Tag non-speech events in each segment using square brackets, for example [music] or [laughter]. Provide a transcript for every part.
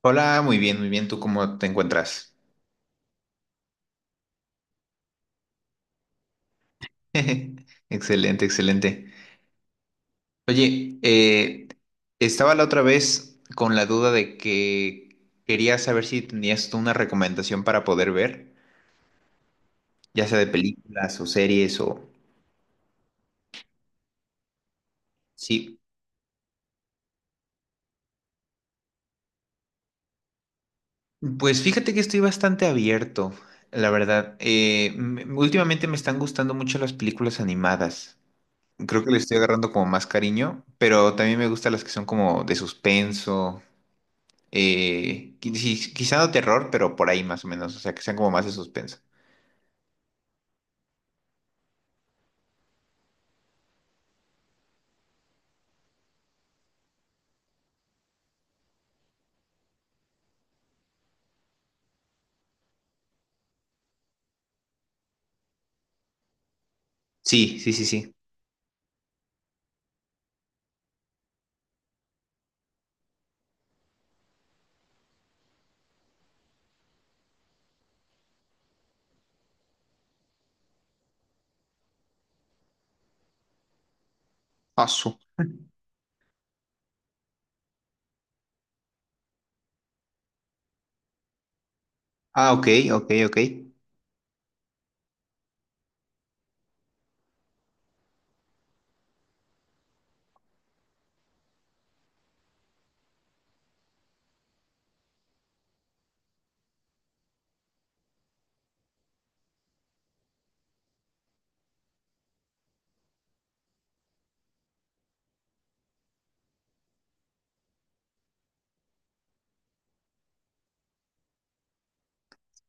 Hola, muy bien, muy bien. ¿Tú cómo te encuentras? [laughs] Excelente, excelente. Oye, estaba la otra vez con la duda de que quería saber si tenías tú una recomendación para poder ver, ya sea de películas o series o... Sí, pues fíjate que estoy bastante abierto, la verdad. Últimamente me están gustando mucho las películas animadas. Creo que le estoy agarrando como más cariño, pero también me gustan las que son como de suspenso. Quizá no terror, pero por ahí más o menos. O sea, que sean como más de suspenso. Sí, sí, sí, sí. Paso. Ah, ok, ok, ok.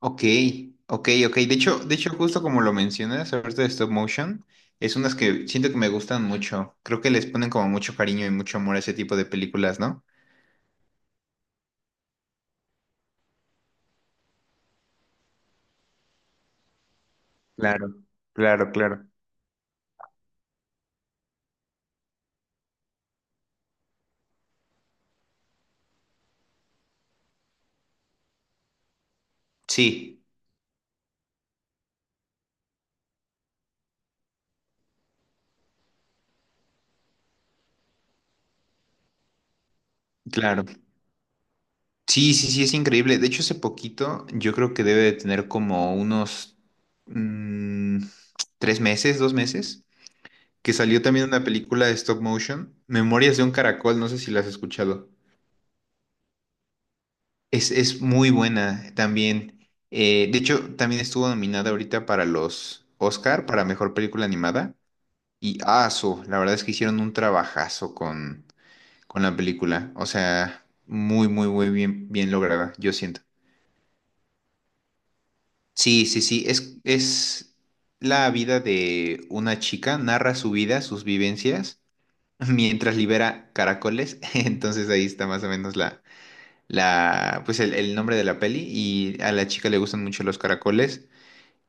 Ok, ok, ok. De hecho, justo como lo mencionas, ahorita de stop motion, es unas que siento que me gustan mucho. Creo que les ponen como mucho cariño y mucho amor a ese tipo de películas, ¿no? Claro, claro, claro. Sí, claro. Sí, sí, sí, es increíble. De hecho, hace poquito yo creo que debe de tener como unos mm, tres meses, dos meses, que salió también una película de stop motion, Memorias de un Caracol, no sé si la has escuchado. Es muy buena también. De hecho, también estuvo nominada ahorita para los Oscar, para Mejor Película Animada. Y aso, la verdad es que hicieron un trabajazo con la película. O sea, muy, muy, muy bien, bien lograda, yo siento. Sí, sí, sí, es la vida de una chica, narra su vida, sus vivencias mientras libera caracoles. [laughs] Entonces ahí está más o menos la, la, pues el nombre de la peli. Y a la chica le gustan mucho los caracoles.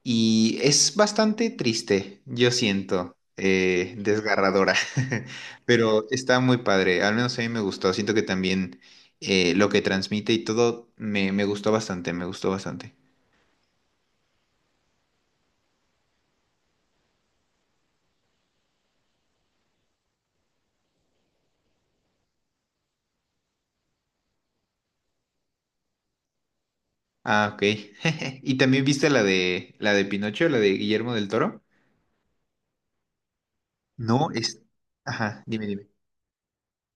Y es bastante triste, yo siento, desgarradora. [laughs] Pero está muy padre. Al menos a mí me gustó. Siento que también lo que transmite y todo me, me gustó bastante, me gustó bastante. Ah, ok. [laughs] ¿Y también viste la de Pinocho, la de Guillermo del Toro? No, es. Ajá, dime, dime.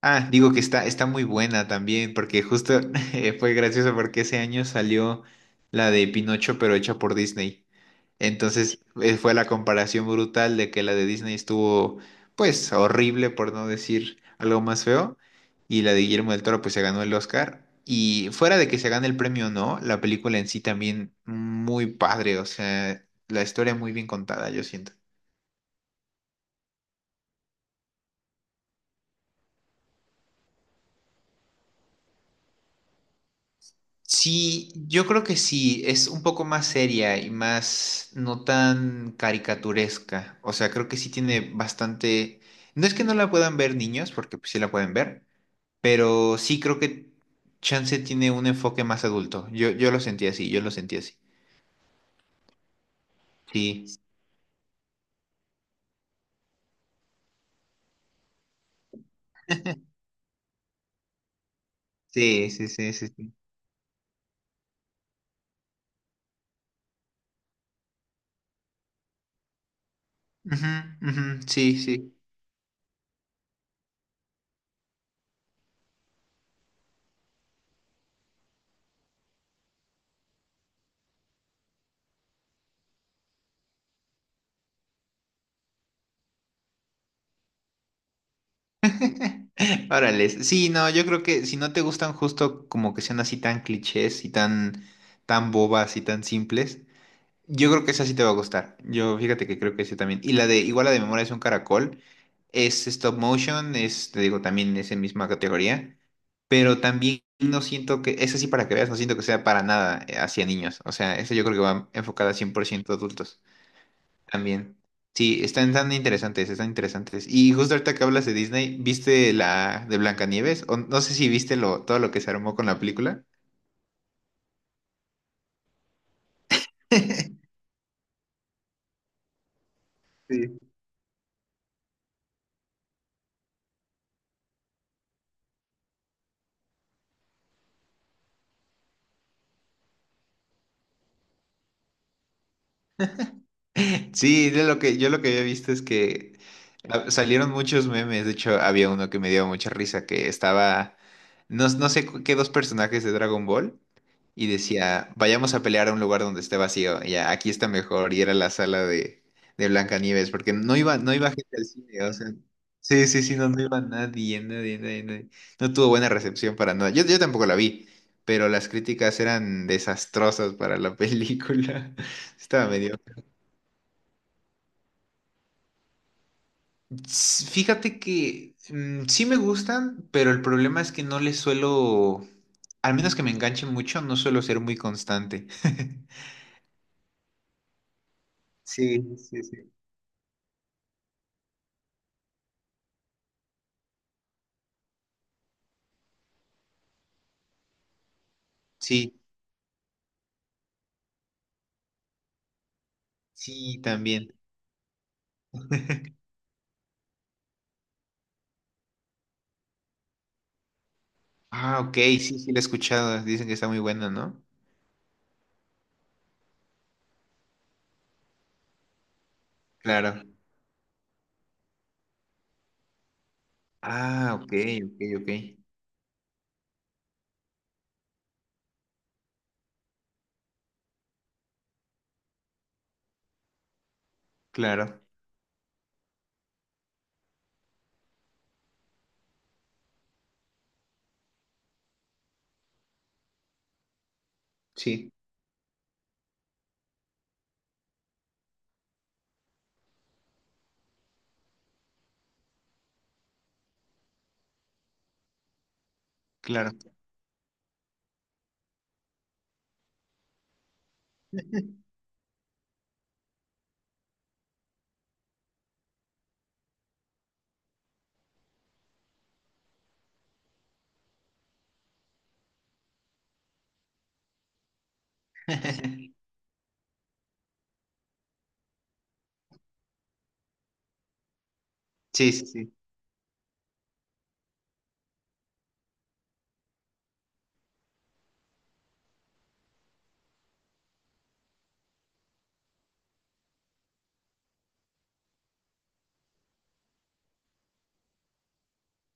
Ah, digo que está, está muy buena también, porque justo [laughs] fue gracioso porque ese año salió la de Pinocho, pero hecha por Disney. Entonces fue la comparación brutal de que la de Disney estuvo, pues, horrible, por no decir algo más feo, y la de Guillermo del Toro, pues, se ganó el Oscar. Y fuera de que se gane el premio o no, la película en sí también muy padre, o sea, la historia muy bien contada, yo siento. Sí, yo creo que sí, es un poco más seria y más no tan caricaturesca. O sea, creo que sí tiene bastante... No es que no la puedan ver niños, porque pues, sí la pueden ver, pero sí creo que Chance tiene un enfoque más adulto. Yo lo sentí así, yo lo sentí así. Sí, sí, sí, sí, sí. Sí, ujú, ujú, sí, sí. [laughs] Órale, sí, no, yo creo que si no te gustan justo como que sean así tan clichés y tan, tan bobas y tan simples. Yo creo que esa sí te va a gustar. Yo fíjate que creo que ese también. Y la de, igual la de Memoria es un caracol, es stop motion, es, te digo, también es en misma categoría, pero también no siento que, esa sí para que veas, no siento que sea para nada hacia niños. O sea, esa yo creo que va enfocada 100% adultos también. Sí, están tan interesantes, están interesantes. Y justo ahorita que hablas de Disney, ¿viste la de Blancanieves? O no sé si viste lo, todo lo que se armó con la película. Sí, Sí, de lo que, yo lo que había visto es que salieron muchos memes. De hecho, había uno que me dio mucha risa que estaba, no, qué dos personajes de Dragon Ball y decía, vayamos a pelear a un lugar donde esté vacío. Y ya, aquí está mejor. Y era la sala de Blancanieves, porque no iba, no iba gente al cine. O sea, sí, sí, sí, no, no iba nadie, nadie, nadie, nadie. No tuvo buena recepción para nada. Yo tampoco la vi, pero las críticas eran desastrosas para la película. [laughs] Estaba medio. Fíjate que sí me gustan, pero el problema es que no les suelo, al menos que me enganchen mucho, no suelo ser muy constante. [laughs] Sí, sí, sí. Sí, sí, también. Ah, ok, sí, sí, la he escuchado. Dicen que está muy buena, ¿no? Claro. Ah, ok, ok, ok. Claro, sí, claro. [laughs] Sí, sí, sí.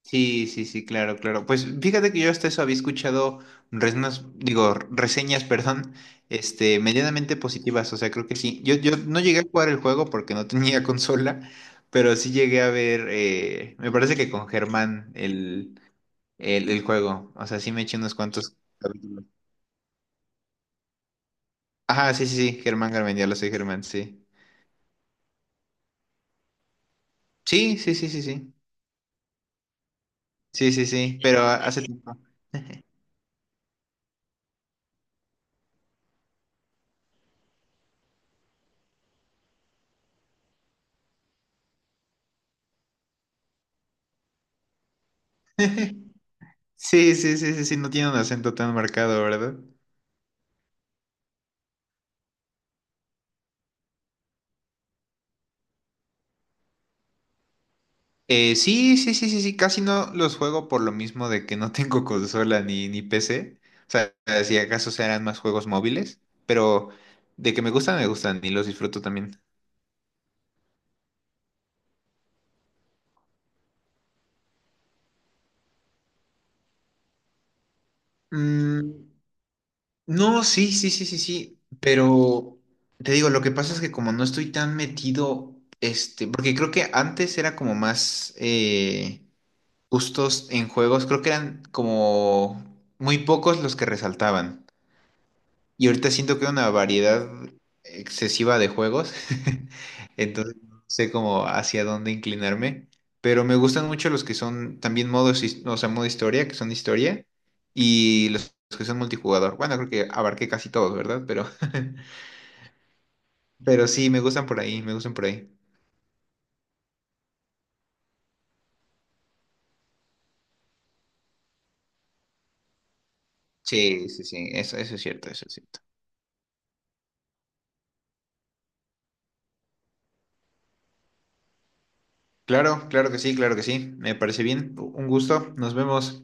Sí, sí, sí, claro, claro. Pues fíjate que yo hasta eso había escuchado reseñas, digo, reseñas, [laughs] perdón, este, medianamente positivas, o sea, creo que sí. Yo no llegué a jugar el juego porque no tenía [laughs] consola, pero sí llegué a ver, me parece que con Germán el juego, o sea, sí me eché unos cuantos capítulos. Ajá, sí, sí, sí, Germán Garmendia, lo soy Germán, sí. Sí, sí, sí, sí, sí. Sí, sí, sí, pero hace tiempo. [laughs] Sí, sí, sí, sí, sí, no tiene un acento tan marcado, ¿verdad? Sí, sí, sí, sí, sí, casi no los juego por lo mismo de que no tengo [laughs] consola ni, ni PC. O sea, si acaso serán más juegos móviles, pero de que me gustan y los disfruto también. Mm, no, sí, sí, sí, sí, sí, pero te digo, lo que pasa es que como no estoy tan metido, este, porque creo que antes era como más gustos en juegos, creo que eran como muy pocos los que resaltaban. Y ahorita siento que hay una variedad excesiva de juegos, [laughs] entonces no sé cómo hacia dónde inclinarme, pero me gustan mucho los que son también modos, o sea, modo historia, que son historia, y los que son multijugador. Bueno, creo que abarqué casi todos, ¿verdad? Pero, [laughs] pero sí, me gustan por ahí, me gustan por ahí. Sí, sí, sí, eso es cierto, eso es cierto. Claro, claro que sí, me parece bien, un gusto, nos vemos.